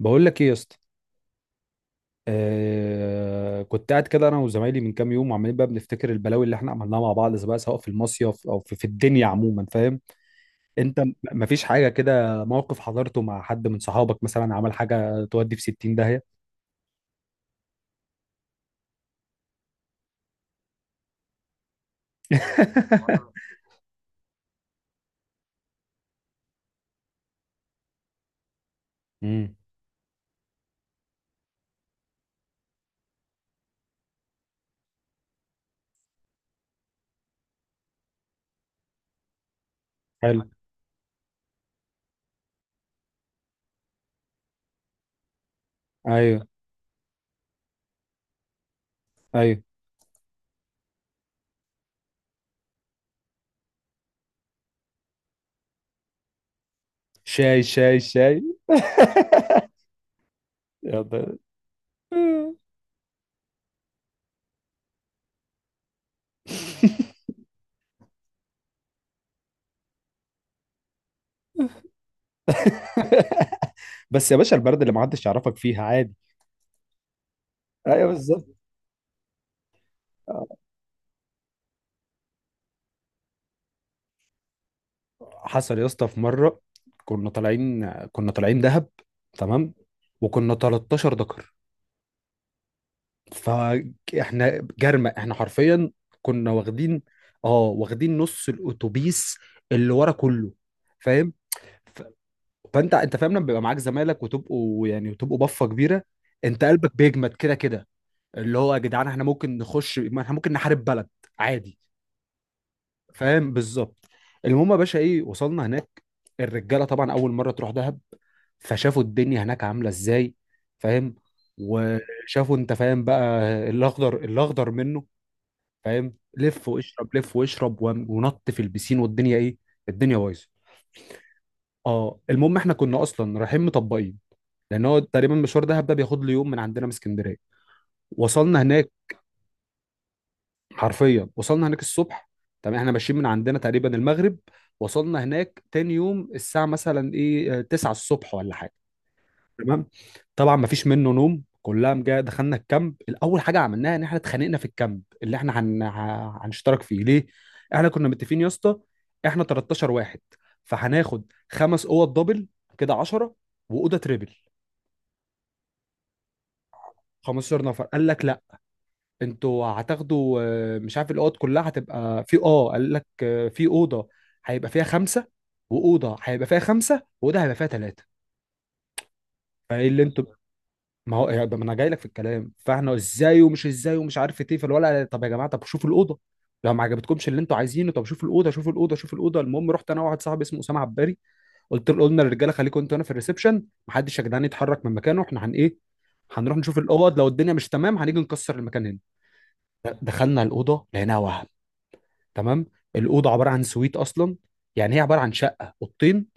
بقول لك ايه يا اسطى؟ آه، كنت قاعد كده انا وزمايلي من كام يوم وعمالين بقى بنفتكر البلاوي اللي احنا عملناها مع بعض سواء سواء في المصيف او في الدنيا عموما، فاهم؟ انت مفيش حاجه كده موقف حضرته مع حد من صحابك مثلا عمل حاجه تودي في 60 داهيه؟ امم. حلو. ايوه، ايوه. شاي شاي شاي. يا ده. بس يا باشا البلد اللي ما حدش يعرفك فيها عادي. ايوه، بالظبط. حصل يا اسطى. في مره كنا طالعين دهب، تمام؟ وكنا 13 ذكر، فاحنا جرمه احنا حرفيا. كنا واخدين، اه، واخدين نص الاتوبيس اللي ورا كله، فاهم؟ ف- فانت فاهم لما بيبقى معاك زمايلك وتبقوا يعني وتبقوا بفه كبيره، انت قلبك بيجمد كده كده، اللي هو يا جدعان احنا ممكن نخش، ما احنا ممكن نحارب بلد عادي، فاهم؟ بالظبط. المهم يا باشا، ايه، وصلنا هناك. الرجاله طبعا اول مره تروح دهب، فشافوا الدنيا هناك عامله ازاي، فاهم؟ وشافوا انت فاهم بقى الاخضر الاخضر منه، فاهم؟ لف واشرب، لف واشرب، ونط في البسين والدنيا ايه، الدنيا بايظه. اه المهم، احنا كنا اصلا رايحين مطبقين، لان هو تقريبا مشوار دهب ده بياخد له يوم من عندنا من اسكندريه. وصلنا هناك، حرفيا وصلنا هناك الصبح. تمام، احنا ماشيين من عندنا تقريبا المغرب، وصلنا هناك تاني يوم الساعة مثلا ايه، آه، 9 الصبح ولا حاجة. تمام. طبعا ما فيش منه نوم، كلها مجا. دخلنا الكامب، الاول حاجة عملناها ان احنا اتخانقنا في الكامب اللي احنا هنشترك فيه، ليه؟ احنا كنا متفقين يا اسطى، احنا 13 واحد، فهناخد خمس اوض دبل كده 10، واوضه تريبل، 15 نفر. قال لك لا، انتوا هتاخدوا، آه، مش عارف الاوض كلها هتبقى في، اه، قال لك آه، في اوضه هيبقى فيها خمسه، واوضه هيبقى فيها خمسه، واوضه هيبقى فيها ثلاثه. فايه اللي انتوا، ما هو ده ما انا جاي لك في الكلام. فاحنا ازاي ومش ازاي ومش عارف ايه، فالولا طب يا جماعه، طب شوفوا الاوضه، لو ما عجبتكمش اللي انتوا عايزينه، طب شوفوا الاوضه، شوفوا الاوضه، شوفوا الاوضه. المهم رحت انا وواحد صاحبي اسمه اسامه عباري، قلت له، قلنا للرجاله خليكم انتوا هنا في الريسبشن، محدش يا جدعان يتحرك من مكانه، احنا هن ايه، هنروح نشوف الاوض، لو الدنيا مش تمام هنيجي نكسر المكان هنا. دخلنا الاوضه لقيناها وهم، تمام. الاوضه عباره عن سويت اصلا، يعني هي عباره عن شقه، اوضتين،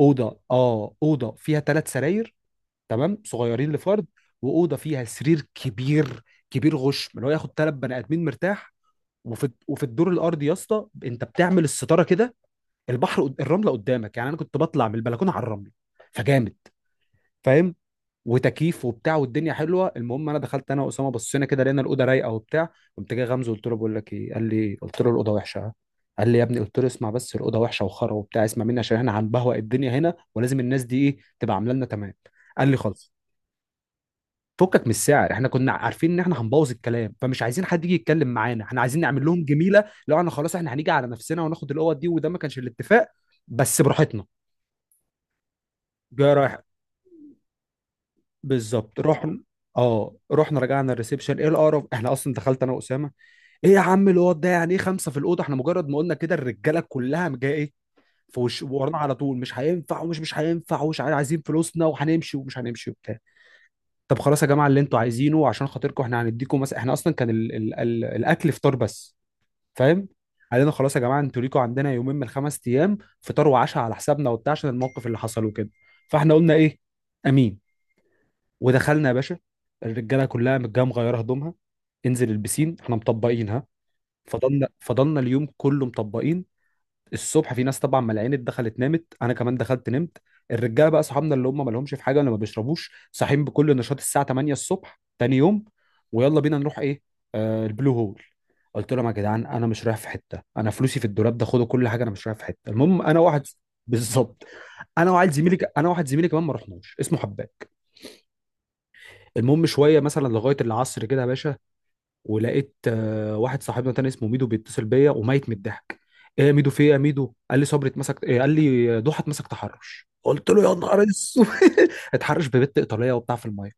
اوضه، اه، اوضه فيها ثلاث سراير، تمام، صغيرين لفرد، واوضه فيها سرير كبير، كبير غشم اللي هو ياخد ثلاث بني ادمين مرتاح. وفي الدور الارضي يا اسطى، انت بتعمل الستاره كده، البحر الرمله قدامك، يعني انا كنت بطلع من البلكونه على الرمله. فجامد، فاهم؟ وتكييف وبتاع، والدنيا حلوه. المهم انا دخلت انا واسامه، بصينا كده لقينا الاوضه رايقه وبتاع. قمت جاي غمزه، قلت له بقول لك ايه، قال لي، قلت له الاوضه وحشه، قال لي يا ابني، قلت له اسمع بس، الاوضه وحشه وخرا وبتاع، اسمع مني عشان احنا هنبهوأ الدنيا هنا ولازم الناس دي ايه تبقى عامله لنا، تمام؟ قال لي خلاص. فكك من السعر، احنا كنا عارفين ان احنا هنبوظ الكلام فمش عايزين حد يجي يتكلم معانا، احنا عايزين نعمل لهم جميله، لو احنا خلاص احنا هنيجي على نفسنا وناخد الاوض دي، وده ما كانش الاتفاق. بس براحتنا. جاي رايح. بالظبط. رحنا، اه، رحنا رجعنا الريسبشن، ايه القرف، احنا اصلا دخلت انا واسامه، ايه يا عم الواد ده يعني ايه خمسه في الاوضه، احنا مجرد ما قلنا كده الرجاله كلها جايه ايه في وش ورانا على طول، مش هينفع، ومش مش هينفع، ومش عارف، عايزين فلوسنا وهنمشي ومش هنمشي وبتاع. طب خلاص يا جماعه اللي انتوا عايزينه، عشان خاطركم احنا هنديكم مثلا، احنا اصلا كان ال الاكل فطار بس، فاهم؟ قال لنا خلاص يا جماعه، انتوا ليكوا عندنا يومين من الخمس ايام فطار وعشاء على حسابنا وبتاع عشان الموقف اللي حصل وكده. فاحنا قلنا ايه، امين، ودخلنا يا باشا. الرجاله كلها متجامعه مغيره هدومها، انزل البسين، احنا مطبقين ها. فضلنا اليوم كله مطبقين. الصبح في ناس طبعا ملعينة دخلت نامت، انا كمان دخلت نمت. الرجاله بقى صحابنا اللي هم ما لهمش في حاجه ولا ما بيشربوش صاحيين بكل نشاط الساعه 8 الصبح تاني يوم، ويلا بينا نروح ايه، آه، البلو هول. قلت لهم يا جدعان، انا مش رايح في حته، انا فلوسي في الدولاب ده خدوا كل حاجه، انا مش رايح في حته. المهم انا واحد، بالظبط، انا واحد زميلي كمان ما رحناش، اسمه حباب. المهم شويه مثلا لغايه العصر كده يا باشا، ولقيت، آه، واحد صاحبنا تاني اسمه ميدو بيتصل بيا وميت من الضحك. ايه يا ميدو، في ايه يا ميدو؟ قال لي صبري اتمسك. إيه؟ قال لي ضحى اتمسك تحرش. قلت له يا نهار اسود. اتحرش ببت ايطاليه وبتاع في الميه.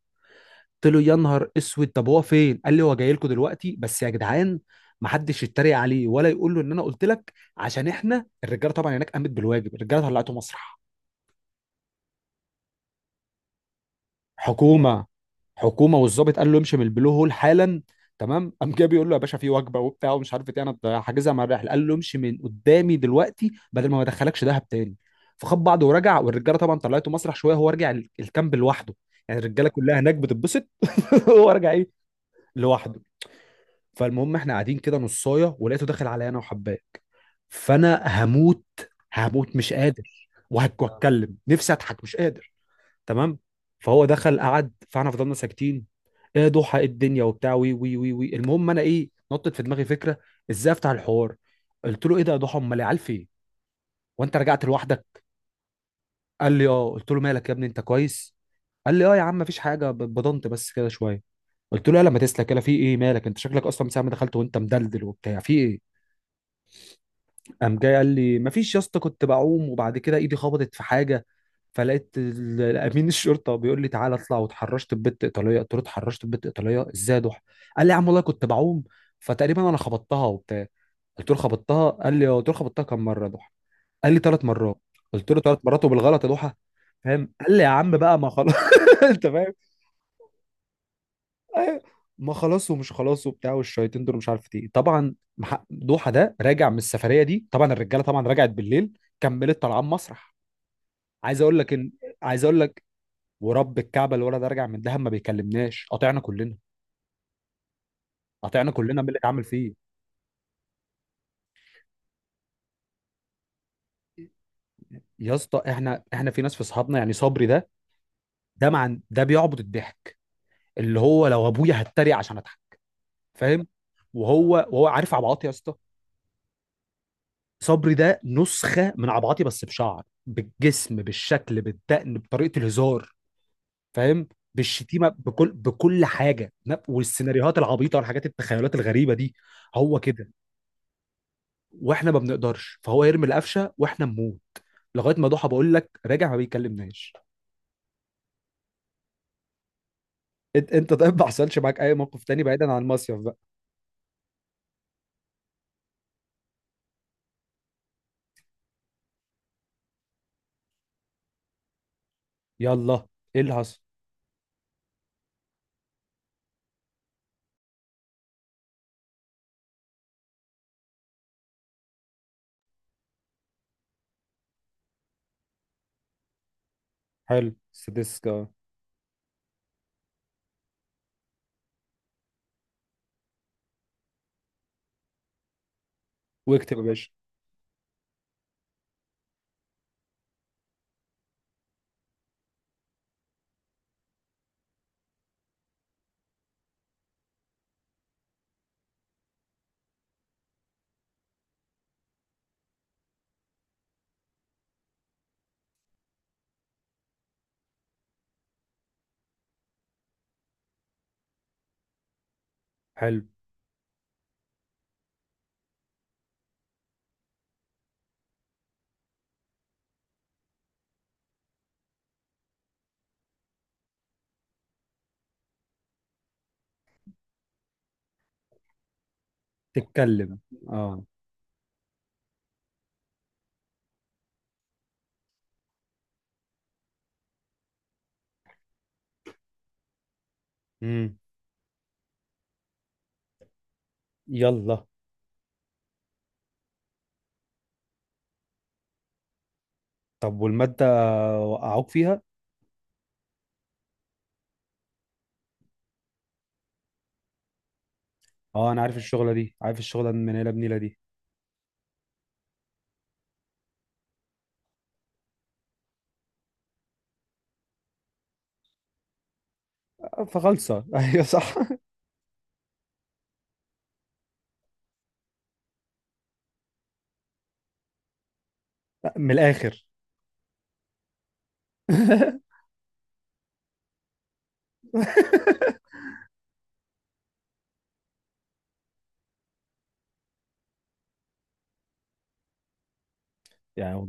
قلت له يا نهار اسود، طب هو فين؟ قال لي هو جاي لكم دلوقتي، بس يا جدعان محدش يتريق عليه ولا يقول له ان انا قلت لك، عشان احنا الرجاله طبعا هناك قامت بالواجب، الرجاله طلعته مسرح. حكومه، حكومه، والظابط قال له امشي من البلو هول حالا. تمام. قام جه بيقول له يا باشا في وجبه وبتاع ومش عارف ايه انا حاجزها مع الرحله، قال له امشي من قدامي دلوقتي بدل ما ادخلكش دهب تاني. فخد بعضه ورجع، والرجاله طبعا طلعته مسرح شويه، هو رجع الكامب لوحده، يعني الرجاله كلها هناك بتتبسط. هو رجع ايه، لوحده. فالمهم احنا قاعدين كده نصايه، ولقيته داخل عليا انا وحباك، فانا هموت، هموت مش قادر، وهتكلم نفسي اضحك مش قادر. تمام. فهو دخل قعد، فاحنا فضلنا ساكتين، ايه ضحى، ايه الدنيا وبتاع، وي وي وي وي. المهم انا ايه، نطت في دماغي فكره ازاي افتح الحوار، قلت له ايه ده يا ضحى، امال العيال فين وانت رجعت لوحدك؟ قال لي اه. قلت له مالك يا ابني، انت كويس؟ قال لي اه يا عم مفيش حاجه، بضنت بس كده شويه. قلت له يلا ما تسلك، يلا في ايه مالك، انت شكلك اصلا من ساعه ما دخلت وانت مدلدل وبتاع، في ايه؟ قام جاي قال لي مفيش يا اسطى، كنت بعوم وبعد كده ايدي خبطت في حاجه، فلقيت الامين الشرطه بيقول لي تعالى اطلع، واتحرشت ببت ايطاليه. قلت له اتحرشت ببت ايطاليه ازاي يا ضحى؟ قال لي يا عم والله كنت بعوم، فتقريبا انا خبطتها وبتاع. قلت له خبطتها؟ قال لي اه. قلت له خبطتها كم مره يا ضحى؟ قال لي ثلاث مرات. قلت له ثلاث مرات وبالغلط يا ضحى؟ فاهم، قال لي يا عم بقى ما خلاص. انت فاهم؟ أيوة. ما خلاص ومش خلاص وبتاع، والشياطين دول مش عارف ايه. طبعا دوحه ده راجع من السفريه دي، طبعا الرجاله طبعا رجعت بالليل، كملت طالعه مسرح. عايز اقول لك ان عايز اقول لك، ورب الكعبه الولد ده راجع من دهب ما بيكلمناش، قاطعنا كلنا، قاطعنا كلنا، مين اللي اتعامل فيه؟ يا اسطى، احنا في ناس في اصحابنا، يعني صبري ده، ده مع ده بيعبط الضحك، اللي هو لو ابويا هتريق عشان اضحك، فاهم؟ وهو، وهو عارف عبعاط يا اسطى. صبري ده نسخة من عبعاطي، بس بشعر بالجسم بالشكل بالدقن بطريقة الهزار، فاهم؟ بالشتيمة بكل حاجة، والسيناريوهات العبيطة والحاجات التخيلات الغريبة دي، هو كده. واحنا ما بنقدرش، فهو يرمي القفشة واحنا نموت. لغاية ما ضحى بقول لك راجع ما بيكلمناش. انت طيب، ما حصلش معاك اي موقف تاني بعيدا عن المصيف بقى؟ يلا، ايه اللي حصل؟ حلو سديسكا. واكتب يا باشا. حلو. تتكلم. اه. امم. يلا. طب والمادة، وقعوك فيها؟ اه انا عارف الشغلة دي، عارف الشغلة من هنا لبنيلة دي. آه، فخلصة. ايوه صح. من الاخر. يعني.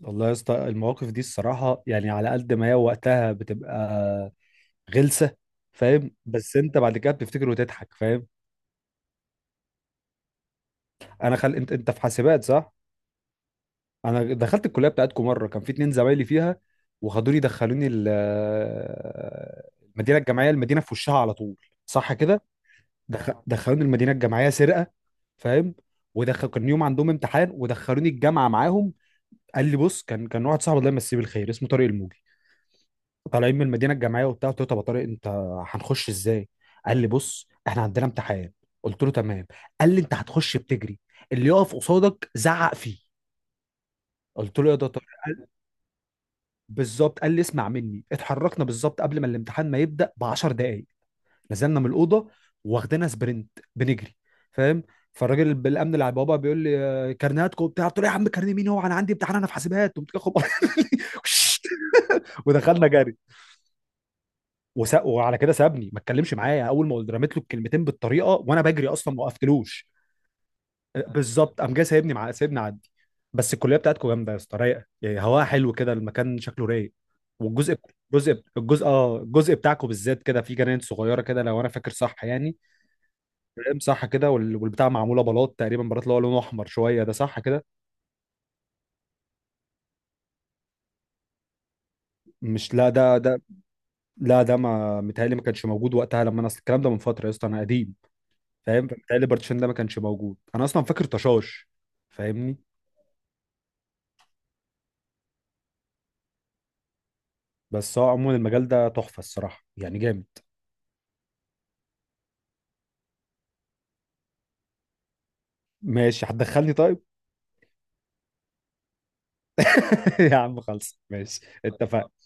والله يا اسطى المواقف دي الصراحة يعني على قد ما هي وقتها بتبقى غلسة، فاهم، بس انت بعد كده بتفتكر وتضحك، فاهم؟ انت في حاسبات صح؟ انا دخلت الكلية بتاعتكم مرة، كان في اتنين زمايلي فيها، وخدوني دخلوني المدينة الجامعية، المدينة في وشها على طول، صح كده؟ دخلوني المدينه الجامعيه سرقه، فاهم؟ ودخل كان يوم عندهم امتحان ودخلوني الجامعه معاهم. قال لي بص، كان واحد صاحبي الله يمسيه بالخير اسمه طارق الموجي، طالعين من المدينه الجامعيه وبتاع، قلت له طب يا طارق انت هنخش ازاي؟ قال لي بص احنا عندنا امتحان، قلت له تمام. قال لي انت هتخش بتجري، اللي يقف قصادك زعق فيه. قلت له يا ده طارق، بالظبط. قال لي اسمع مني، اتحركنا بالظبط قبل ما الامتحان ما يبدا ب 10 دقائق، نزلنا من الاوضه واخدنا سبرنت، بنجري، فاهم؟ فالراجل بالامن اللي على البوابه بيقول لي آه، كارنيهاتكم وبتاع، قلت له يا عم كارنيه مين، هو انا عندي امتحان، انا في حاسبات وبتاع، ودخلنا جري. وعلى كده سابني ما اتكلمش معايا، اول ما قلت رميت له الكلمتين بالطريقه وانا بجري اصلا ما وقفتلوش، آه، بالظبط. قام جاي سايبني، مع سايبني عدي. بس الكليه بتاعتكم جامده يا اسطى، رايقه يعني، هواها حلو كده، المكان شكله رايق. والجزء الجزء الجزء اه الجزء بتاعكم بالذات كده، في جنان صغيره كده، لو انا فاكر صح يعني، مساحه كده، والبتاع معموله بلاط تقريبا، بلاط اللي هو لونه احمر شويه ده، صح كده؟ مش لا ده ده لا ده ما متهيألي ما كانش موجود وقتها، لما انا اصل الكلام ده من فتره يا اسطى، انا قديم، فاهم؟ فمتهيألي البارتيشن ده ما كانش موجود، انا اصلا فاكر طشاش، فاهمني؟ بس هو عموما المجال ده تحفه الصراحه يعني، جامد. ماشي، هتدخلني طيب؟ يا عم خلص، ماشي اتفقنا.